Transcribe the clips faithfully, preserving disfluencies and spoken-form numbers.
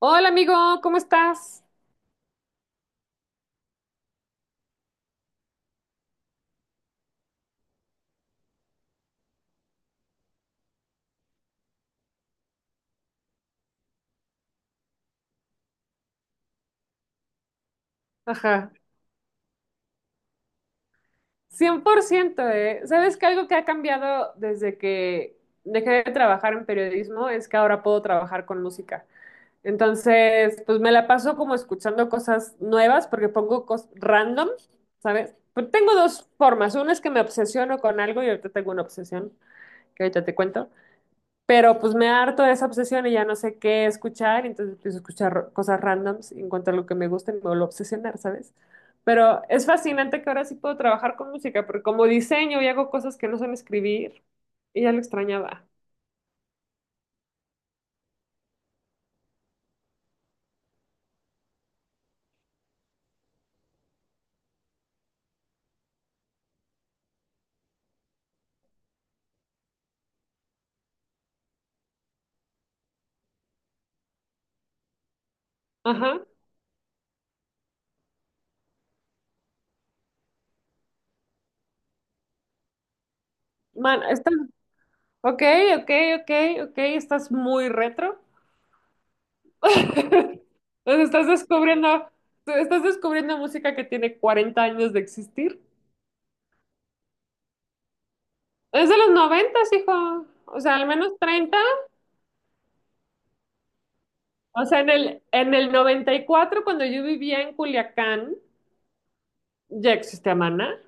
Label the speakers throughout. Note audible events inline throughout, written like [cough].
Speaker 1: Hola amigo, ¿cómo estás? Ajá, cien por ciento, ¿eh? ¿Sabes que algo que ha cambiado desde que dejé de trabajar en periodismo es que ahora puedo trabajar con música? Entonces, pues me la paso como escuchando cosas nuevas porque pongo cosas random, ¿sabes? Pero tengo dos formas. Una es que me obsesiono con algo y ahorita tengo una obsesión que ahorita te cuento. Pero pues me harto de esa obsesión y ya no sé qué escuchar, y entonces empiezo a escuchar cosas randoms y encuentro lo que me gusta y me vuelvo a obsesionar, ¿sabes? Pero es fascinante que ahora sí puedo trabajar con música, porque como diseño y hago cosas que no son escribir, y ya lo extrañaba. Ajá. Man, estás, ok, ok, ok, ok, estás muy retro. [laughs] Pues estás descubriendo, estás descubriendo música que tiene cuarenta años de existir. Es de los noventa, hijo. O sea, al menos treinta. O sea, en el, en el noventa y cuatro, cuando yo vivía en Culiacán, ya existía Maná.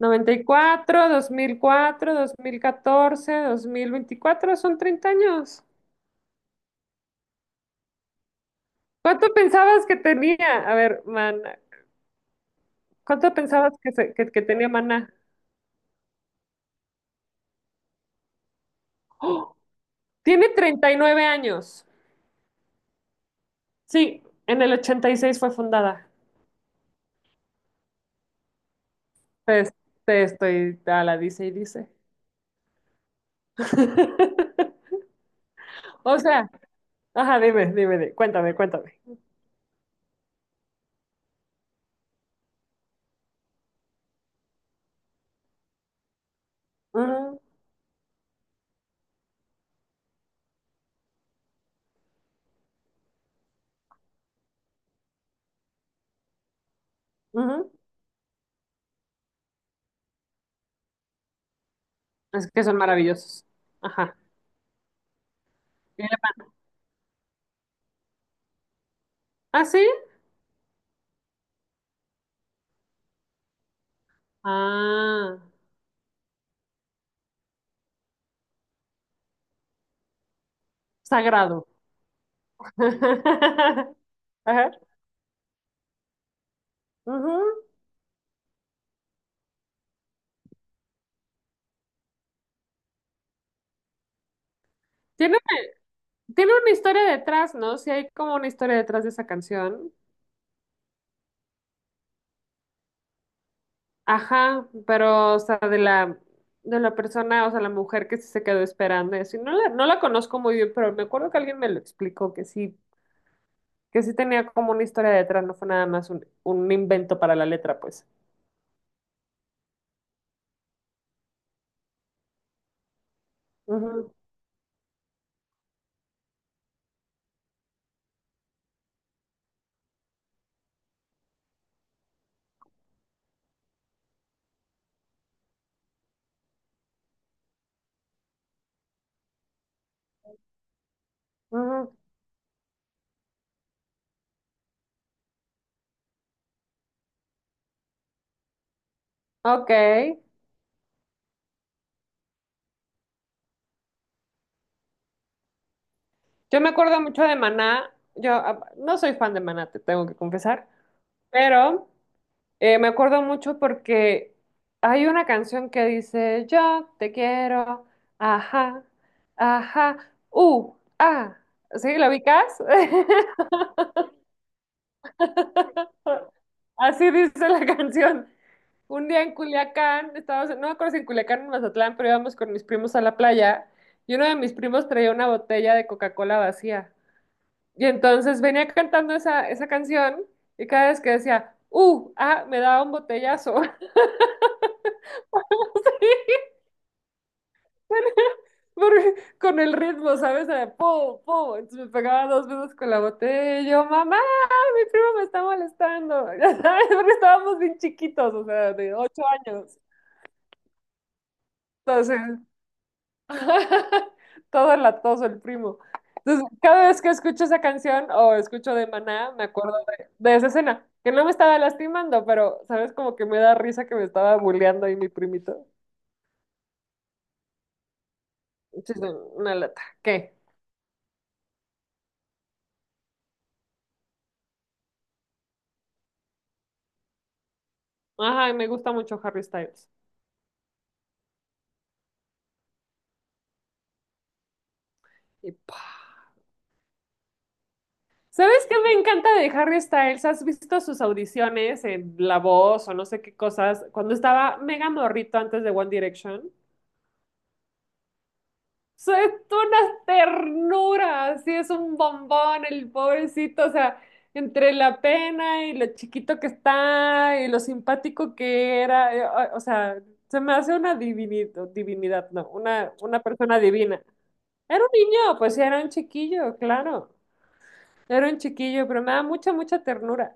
Speaker 1: Noventa y cuatro, dos mil cuatro, dos mil catorce, dos mil veinticuatro, son treinta años. ¿Cuánto pensabas que tenía? A ver, Maná. ¿Cuánto pensabas que, se- que, que tenía Maná? ¡Oh! Tiene treinta y nueve años. Sí, en el ochenta y seis fue fundada. Te, te estoy a la dice y dice. [laughs] O sea, ajá, dime, dime, di- cuéntame, cuéntame. Ujú, ujú. Es que son maravillosos. Ajá. Y le- ¿Ah, sí? Ah, sagrado. [laughs] Ajá. Ujú. Tiene, tiene una historia detrás, ¿no? Sí, hay como una historia detrás de esa canción. Ajá, pero, o sea, de la, de la persona, o sea, la mujer que sí se quedó esperando y así. No la, no la conozco muy bien, pero me acuerdo que alguien me lo explicó, que sí, que sí tenía como una historia detrás, no fue nada más un, un invento para la letra, pues. Ujú, ujú. Ok. Yo me acuerdo mucho de Maná. Yo ah, no soy fan de Maná, te tengo que confesar. Pero eh, me acuerdo mucho porque hay una canción que dice: yo te quiero, ajá, ajá, uh, ah. ¿Sí? ¿Lo ubicas? [laughs] Así dice la canción. Un día en Culiacán, estábamos, no me acuerdo si en Culiacán o en Mazatlán, pero íbamos con mis primos a la playa y uno de mis primos traía una botella de Coca-Cola vacía. Y entonces venía cantando esa, esa canción y cada vez que decía, uh, ah, me daba un botellazo. [laughs] Por- con el ritmo, ¿sabes? Era po, po. Entonces me pegaba dos veces con la botella y yo, mamá, mi primo me está molestando. [laughs] Ya sabes, porque estábamos bien chiquitos, o sea, de ocho años. Entonces, [laughs] todo latoso el primo. Entonces, cada vez que escucho esa canción o escucho de Maná, me acuerdo de, de esa escena, que no me estaba lastimando, pero, ¿sabes? Como que me da risa que me estaba bulleando ahí mi primito. Sí, sí, una lata. ¿Qué? Ajá, y me gusta mucho Harry Styles. Y pa. ¿Sabes qué me encanta de Harry Styles? ¿Has visto sus audiciones en La Voz o no sé qué cosas? Cuando estaba mega morrito antes de One Direction. So, es toda una ternura, así es un bombón el pobrecito, o sea, entre la pena y lo chiquito que está y lo simpático que era, eh, o, o sea, se me hace una divinidad, divinidad, no, una, una persona divina. Era un niño, pues sí, era un chiquillo, claro, era un chiquillo, pero me da mucha, mucha ternura.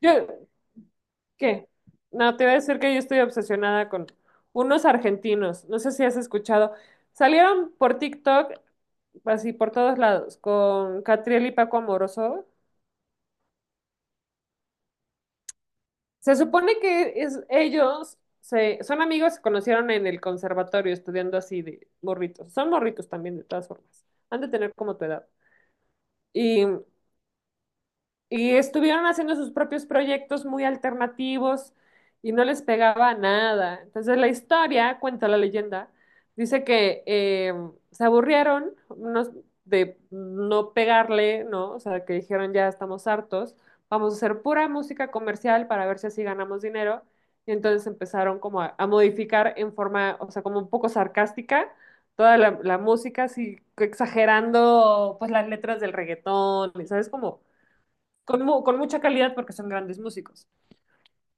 Speaker 1: Yo, ¿qué? No, te voy a decir que yo estoy obsesionada con unos argentinos, no sé si has escuchado. Salieron por TikTok así por todos lados, con Catriel y Paco Amoroso. Se supone que es, ellos se, son amigos, se conocieron en el conservatorio estudiando así de morritos. Son morritos también, de todas formas. Han de tener como tu edad. Y Y estuvieron haciendo sus propios proyectos muy alternativos y no les pegaba nada. Entonces la historia, cuenta la leyenda, dice que eh, se aburrieron unos de no pegarle, ¿no? O sea, que dijeron ya estamos hartos, vamos a hacer pura música comercial para ver si así ganamos dinero. Y entonces empezaron como a, a modificar en forma, o sea, como un poco sarcástica toda la, la música, así exagerando pues las letras del reggaetón, ¿sabes? Como con, mu- con mucha calidad porque son grandes músicos.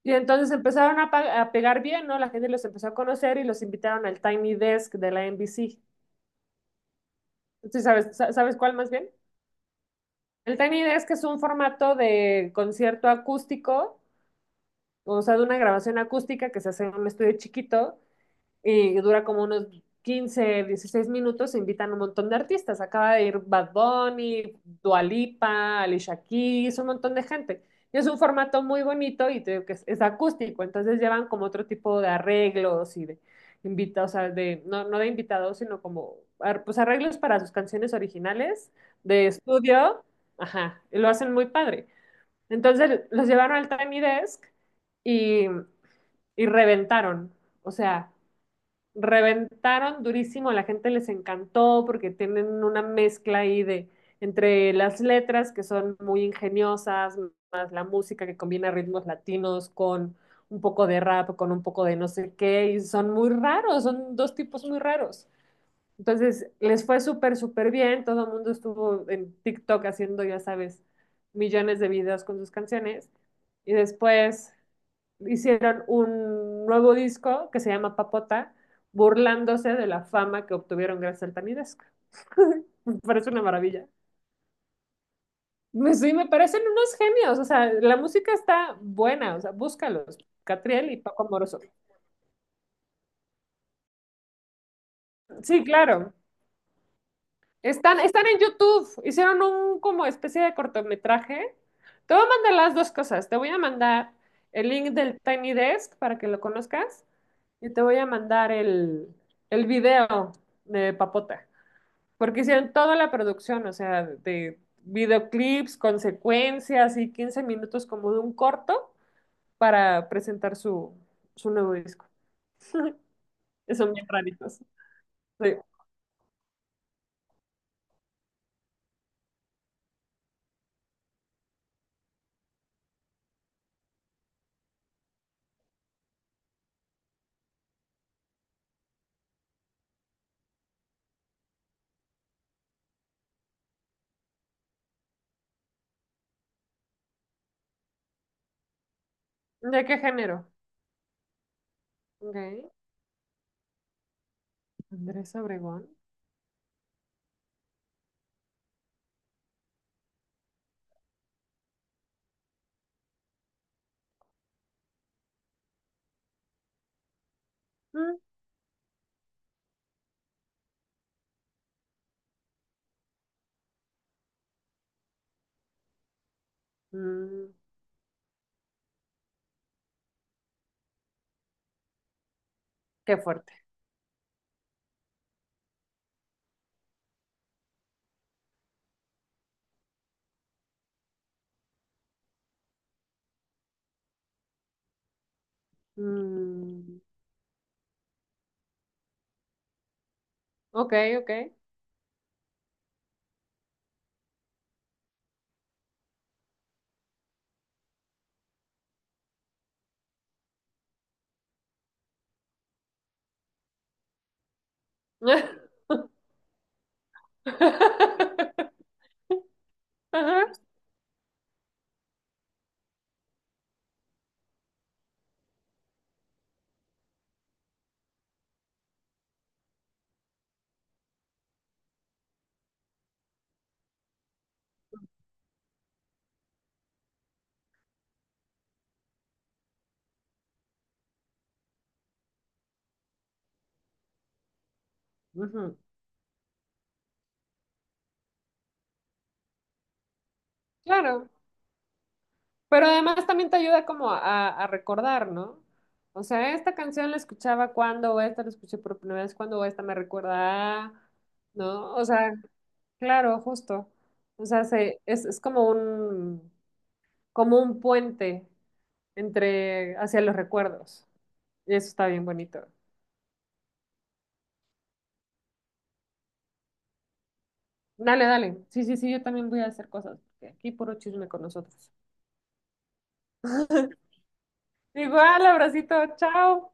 Speaker 1: Y entonces empezaron a, pa- a pegar bien, ¿no? La gente los empezó a conocer y los invitaron al Tiny Desk de la N B C. ¿Sí sabes, sa- sabes cuál más bien? El Tiny Desk es un formato de concierto acústico, o sea, de una grabación acústica que se hace en un estudio chiquito y dura como unos quince, dieciséis minutos, invitan un montón de artistas. Acaba de ir Bad Bunny, Dua Lipa, Alicia Keys, un montón de gente. Y es un formato muy bonito y te digo que es, es acústico, entonces llevan como otro tipo de arreglos y de invitados, o sea, de, no, no de invitados, sino como ar- pues arreglos para sus canciones originales de estudio. Ajá, y lo hacen muy padre. Entonces los llevaron al Tiny Desk y, y reventaron. O sea, reventaron durísimo, a la gente les encantó porque tienen una mezcla ahí de entre las letras que son muy ingeniosas, más la música que combina ritmos latinos con un poco de rap, con un poco de no sé qué, y son muy raros, son dos tipos muy raros. Entonces, les fue súper, súper bien, todo el mundo estuvo en TikTok haciendo, ya sabes, millones de videos con sus canciones, y después hicieron un nuevo disco que se llama Papota, burlándose de la fama que obtuvieron gracias al Tamidesco. [laughs] Me parece una maravilla. Me- sí, me parecen unos genios, o sea, la música está buena, o sea, búscalos, Catriel y Paco Amoroso. Sí, claro. Están, están en YouTube. Hicieron un como especie de cortometraje. Te voy a mandar las dos cosas. Te voy a mandar el link del Tiny Desk para que lo conozcas y te voy a mandar el, el video de Papota, porque hicieron toda la producción, o sea, de videoclips, consecuencias y quince minutos como de un corto para presentar su, su nuevo disco. Y son bien raritos. Sí. ¿De qué género? Ok. Andrés Obregón. Mm. Mm. Qué fuerte. Mm, ok, ok. [laughs] Ajá, ujú. Claro, pero además también te ayuda como a, a recordar, ¿no? O sea, esta canción la escuchaba cuando, o esta la escuché por primera vez cuando, o esta me recuerda, a, ¿no? O sea, claro, justo. O sea, se, es, es como un, como un puente entre, hacia los recuerdos. Y eso está bien bonito. Dale, dale. Sí, sí, sí, yo también voy a hacer cosas, porque aquí puro chisme con nosotros. [laughs] Igual, abracito, chao.